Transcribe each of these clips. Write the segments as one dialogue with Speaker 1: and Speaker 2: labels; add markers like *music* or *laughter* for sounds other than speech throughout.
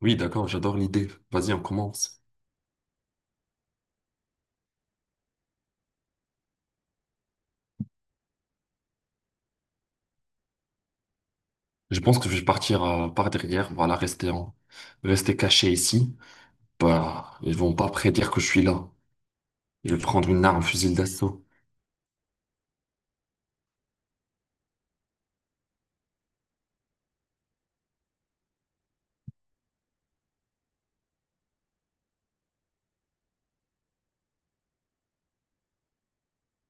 Speaker 1: Oui, d'accord, j'adore l'idée. Vas-y, on commence. Je pense que je vais partir par derrière, voilà, rester en... rester caché ici. Bah, ils vont pas prédire que je suis là. Je vais prendre une arme, fusil d'assaut.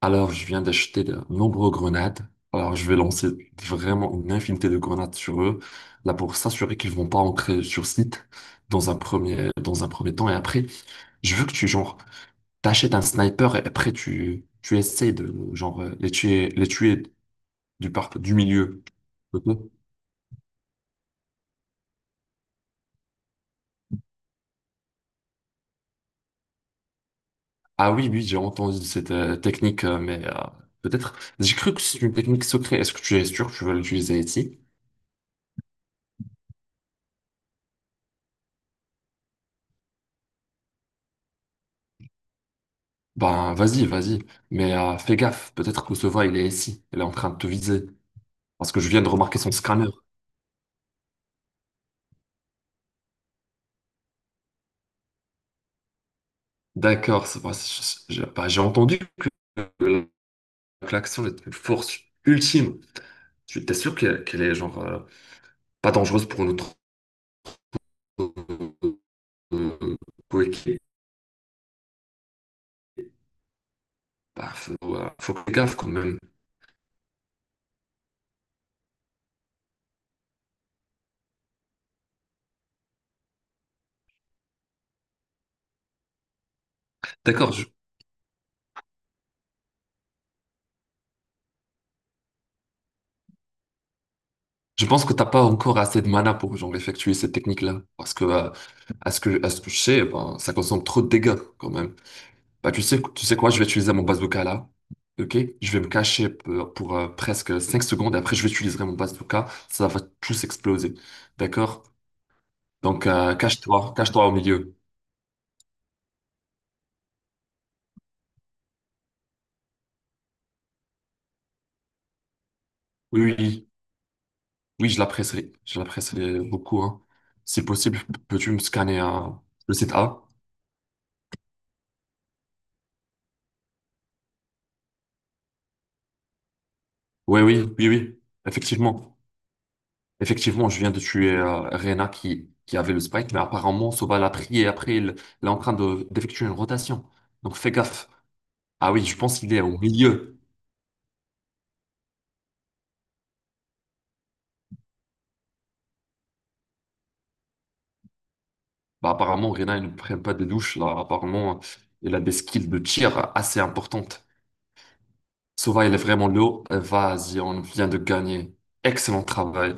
Speaker 1: Alors, je viens d'acheter de nombreuses grenades. Alors, je vais lancer vraiment une infinité de grenades sur eux, là pour s'assurer qu'ils vont pas entrer sur site dans un premier temps. Et après, je veux que tu, genre, t'achètes un sniper et après, tu essaies de, genre, les tuer du, par... du milieu. Ok. Ah oui, oui, j'ai entendu cette technique, mais peut-être. J'ai cru que c'est une technique secrète. Est-ce que tu es sûr que tu veux l'utiliser ici? Ben, vas-y, vas-y. Mais fais gaffe, peut-être que ce va, il est ici. Il est en train de te viser. Parce que je viens de remarquer son scanner. D'accord, c'est vrai, j'ai bah, j'ai entendu que l'action est une force ultime. Tu t'es sûr qu'elle est genre pas dangereuse pour notre euh, coéquipier? Bah, faut, faut faire gaffe quand même. D'accord. Je pense que t'as pas encore assez de mana pour genre effectuer cette technique-là, parce que à ce que je sais, ben, ça consomme trop de dégâts quand même. Bah tu sais quoi, je vais utiliser mon bazooka là, ok? Je vais me cacher pour, presque 5 secondes, et après je vais utiliser mon bazooka, ça va tous exploser, d'accord? Donc cache-toi, cache-toi au milieu. Oui oui oui, oui, je la presserai beaucoup hein. Si possible, peux-tu me scanner le site A? Oui oui oui oui, effectivement. Effectivement, je viens de tuer Reyna qui avait le spike, mais apparemment, Soba l'a pris et après, il est en train de, d'effectuer une rotation. Donc fais gaffe. Ah oui, je pense qu'il est au milieu. Bah, apparemment, Reyna, il ne prend pas de douche. Là. Apparemment, il a des skills de tir assez importantes. Soba, il est vraiment low. Vas-y, on vient de gagner. Excellent travail.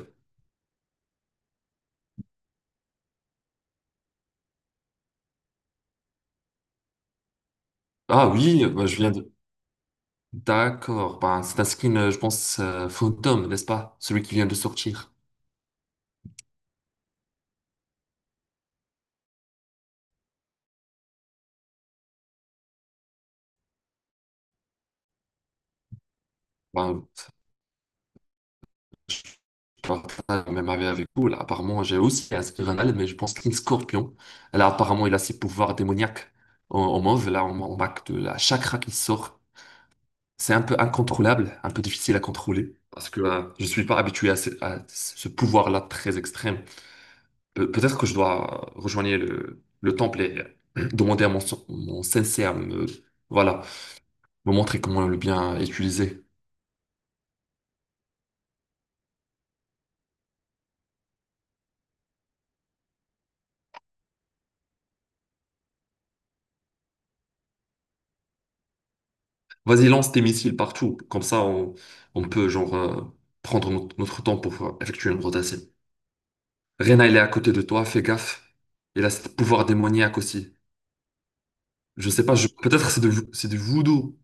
Speaker 1: Ah oui, bah, je viens de... D'accord. Bah, c'est un skin, je pense, fantôme, n'est-ce pas? Celui qui vient de sortir. Ben, Barca, même avec vous, là, apparemment, j'ai aussi inscrit Ronald, mais je pense qu'une scorpion. Là, apparemment, il a ses pouvoirs démoniaques en, en mauve. Là, on marque de la chakra qui sort. C'est un peu incontrôlable, un peu difficile à contrôler, parce que je suis pas habitué à ce pouvoir-là très extrême. Peut-être que je dois rejoindre le temple et *clears throat* demander à mon, mon sensei à me, voilà, me montrer comment le bien utiliser. Vas-y, lance tes missiles partout. Comme ça, on peut genre prendre notre temps pour effectuer une rotation. Reyna, il est à côté de toi, fais gaffe. Il a ce pouvoir démoniaque aussi. Je sais pas, je... peut-être c'est c'est du voodoo.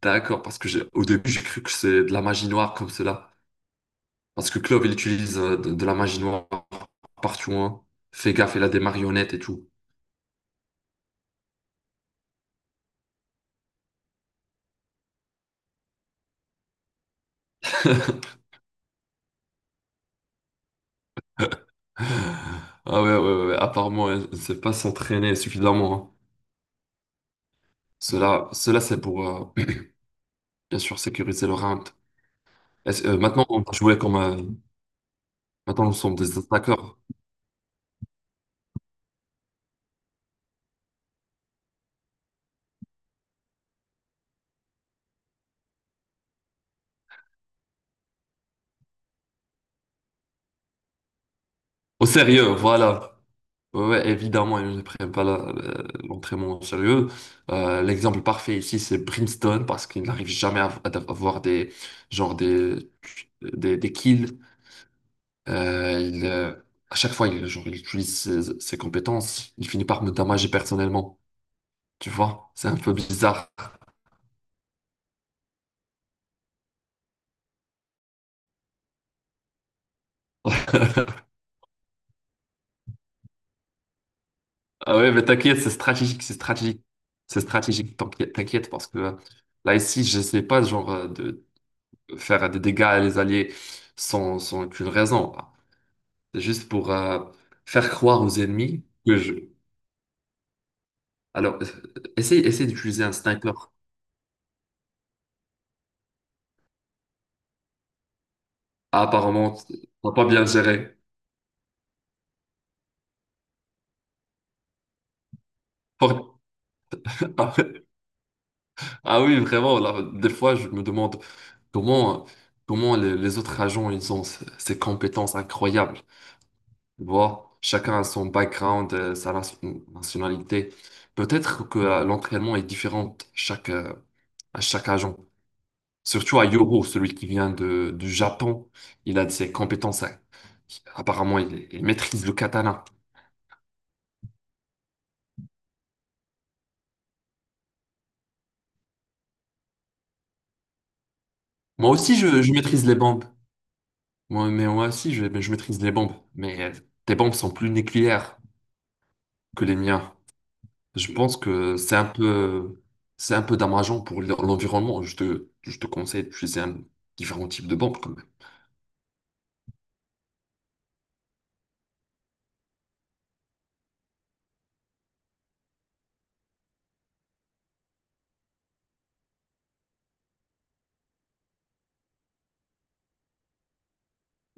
Speaker 1: D'accord, parce que j'ai au début j'ai cru que c'est de la magie noire comme cela. Parce que Clove, il utilise de la magie noire partout, hein. Fais gaffe, il a des marionnettes et tout. *laughs* Ah ouais, ouais, ouais, ouais, apparemment, elle ne sait pas s'entraîner suffisamment, hein. Cela, cela c'est pour... euh, bien sûr, sécuriser le round. Maintenant, on va jouer comme... maintenant, nous sommes des attaqueurs. Au sérieux, voilà. Ouais, ouais, évidemment, ils ne prennent pas l'entraînement au sérieux. L'exemple parfait ici, c'est Brimstone, parce qu'il n'arrive jamais à, à avoir des, genre des kills. Euh, il, euh, à chaque fois, il, genre, il utilise ses, ses compétences. Il finit par me damager personnellement. Tu vois, c'est un peu bizarre. *laughs* Ah ouais, mais t'inquiète, c'est stratégique, c'est stratégique. C'est stratégique, t'inquiète, t'inquiète, parce que là, ici, j'essaie pas, genre, de faire des dégâts à les alliés sans, sans aucune raison. C'est juste pour faire croire aux ennemis que je... Alors, essaye, essaye d'utiliser un sniper. Ah, apparemment, t'as pas bien géré. Pour- *laughs* Ah oui, vraiment, là, des fois, je me demande comment, comment les autres agents, ils ont ces ces compétences incroyables. Tu vois, chacun a son background, sa nationalité. Peut-être que l'entraînement est différent chaque, à chaque agent. Surtout à Yoro, celui qui vient de, du Japon, il a de ses compétences. À- Apparemment, il maîtrise le katana. Moi aussi, je maîtrise les bombes. Moi, mais moi aussi, je maîtrise les bombes. Mais tes bombes sont plus nucléaires que les miens. Je pense que c'est un peu dommageant pour l'environnement. Je te conseille d'utiliser un différent type de bombes.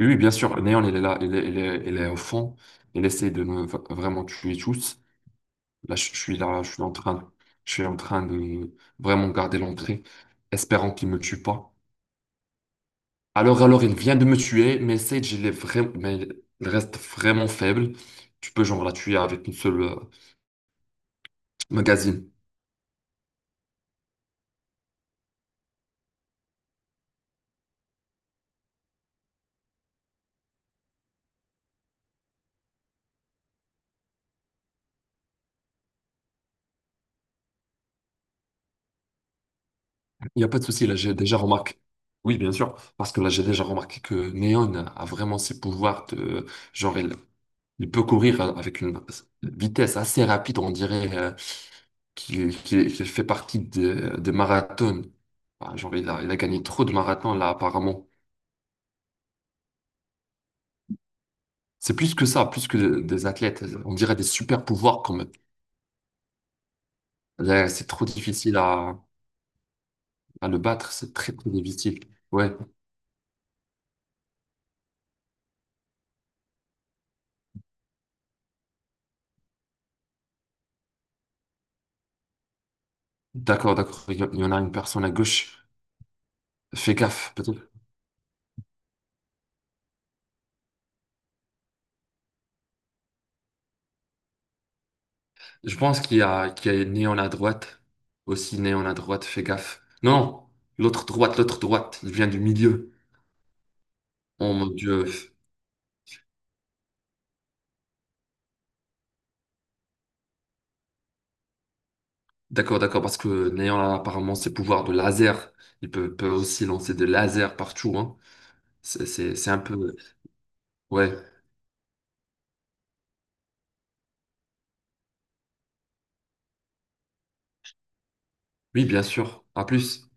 Speaker 1: Oui, oui, bien sûr. Néon, il est là, il est, il est, il est au fond. Il essaie de vraiment tuer tous. Là, je suis en train, je suis en train de vraiment garder l'entrée, espérant qu'il me tue pas. Alors, il vient de me tuer, mais Sage, il est vraiment, mais il reste vraiment faible. Tu peux genre la tuer avec une seule magazine. Il n'y a pas de souci, là, j'ai déjà remarqué. Oui, bien sûr, parce que là, j'ai déjà remarqué que Neon a vraiment ses pouvoirs de... Genre, il peut courir avec une vitesse assez rapide, on dirait qu'il fait partie des marathons. Ah, genre, il a gagné trop de marathons, là, apparemment. C'est plus que ça, plus que des athlètes. On dirait des super pouvoirs, quand même. Là, c'est trop difficile à le battre, c'est très, très difficile. Ouais, d'accord, d'accord. Il y en a une personne à gauche. Fais gaffe, peut-être. Je pense qu'il y a une néon à droite. Aussi néon à droite, fais gaffe. Non, non, l'autre droite, il vient du milieu. Oh mon Dieu. D'accord, d'accord, parce que néon a apparemment ses pouvoirs de laser. Il peut, peut aussi lancer des lasers partout, hein. C'est un peu... Ouais, oui, bien sûr. À plus.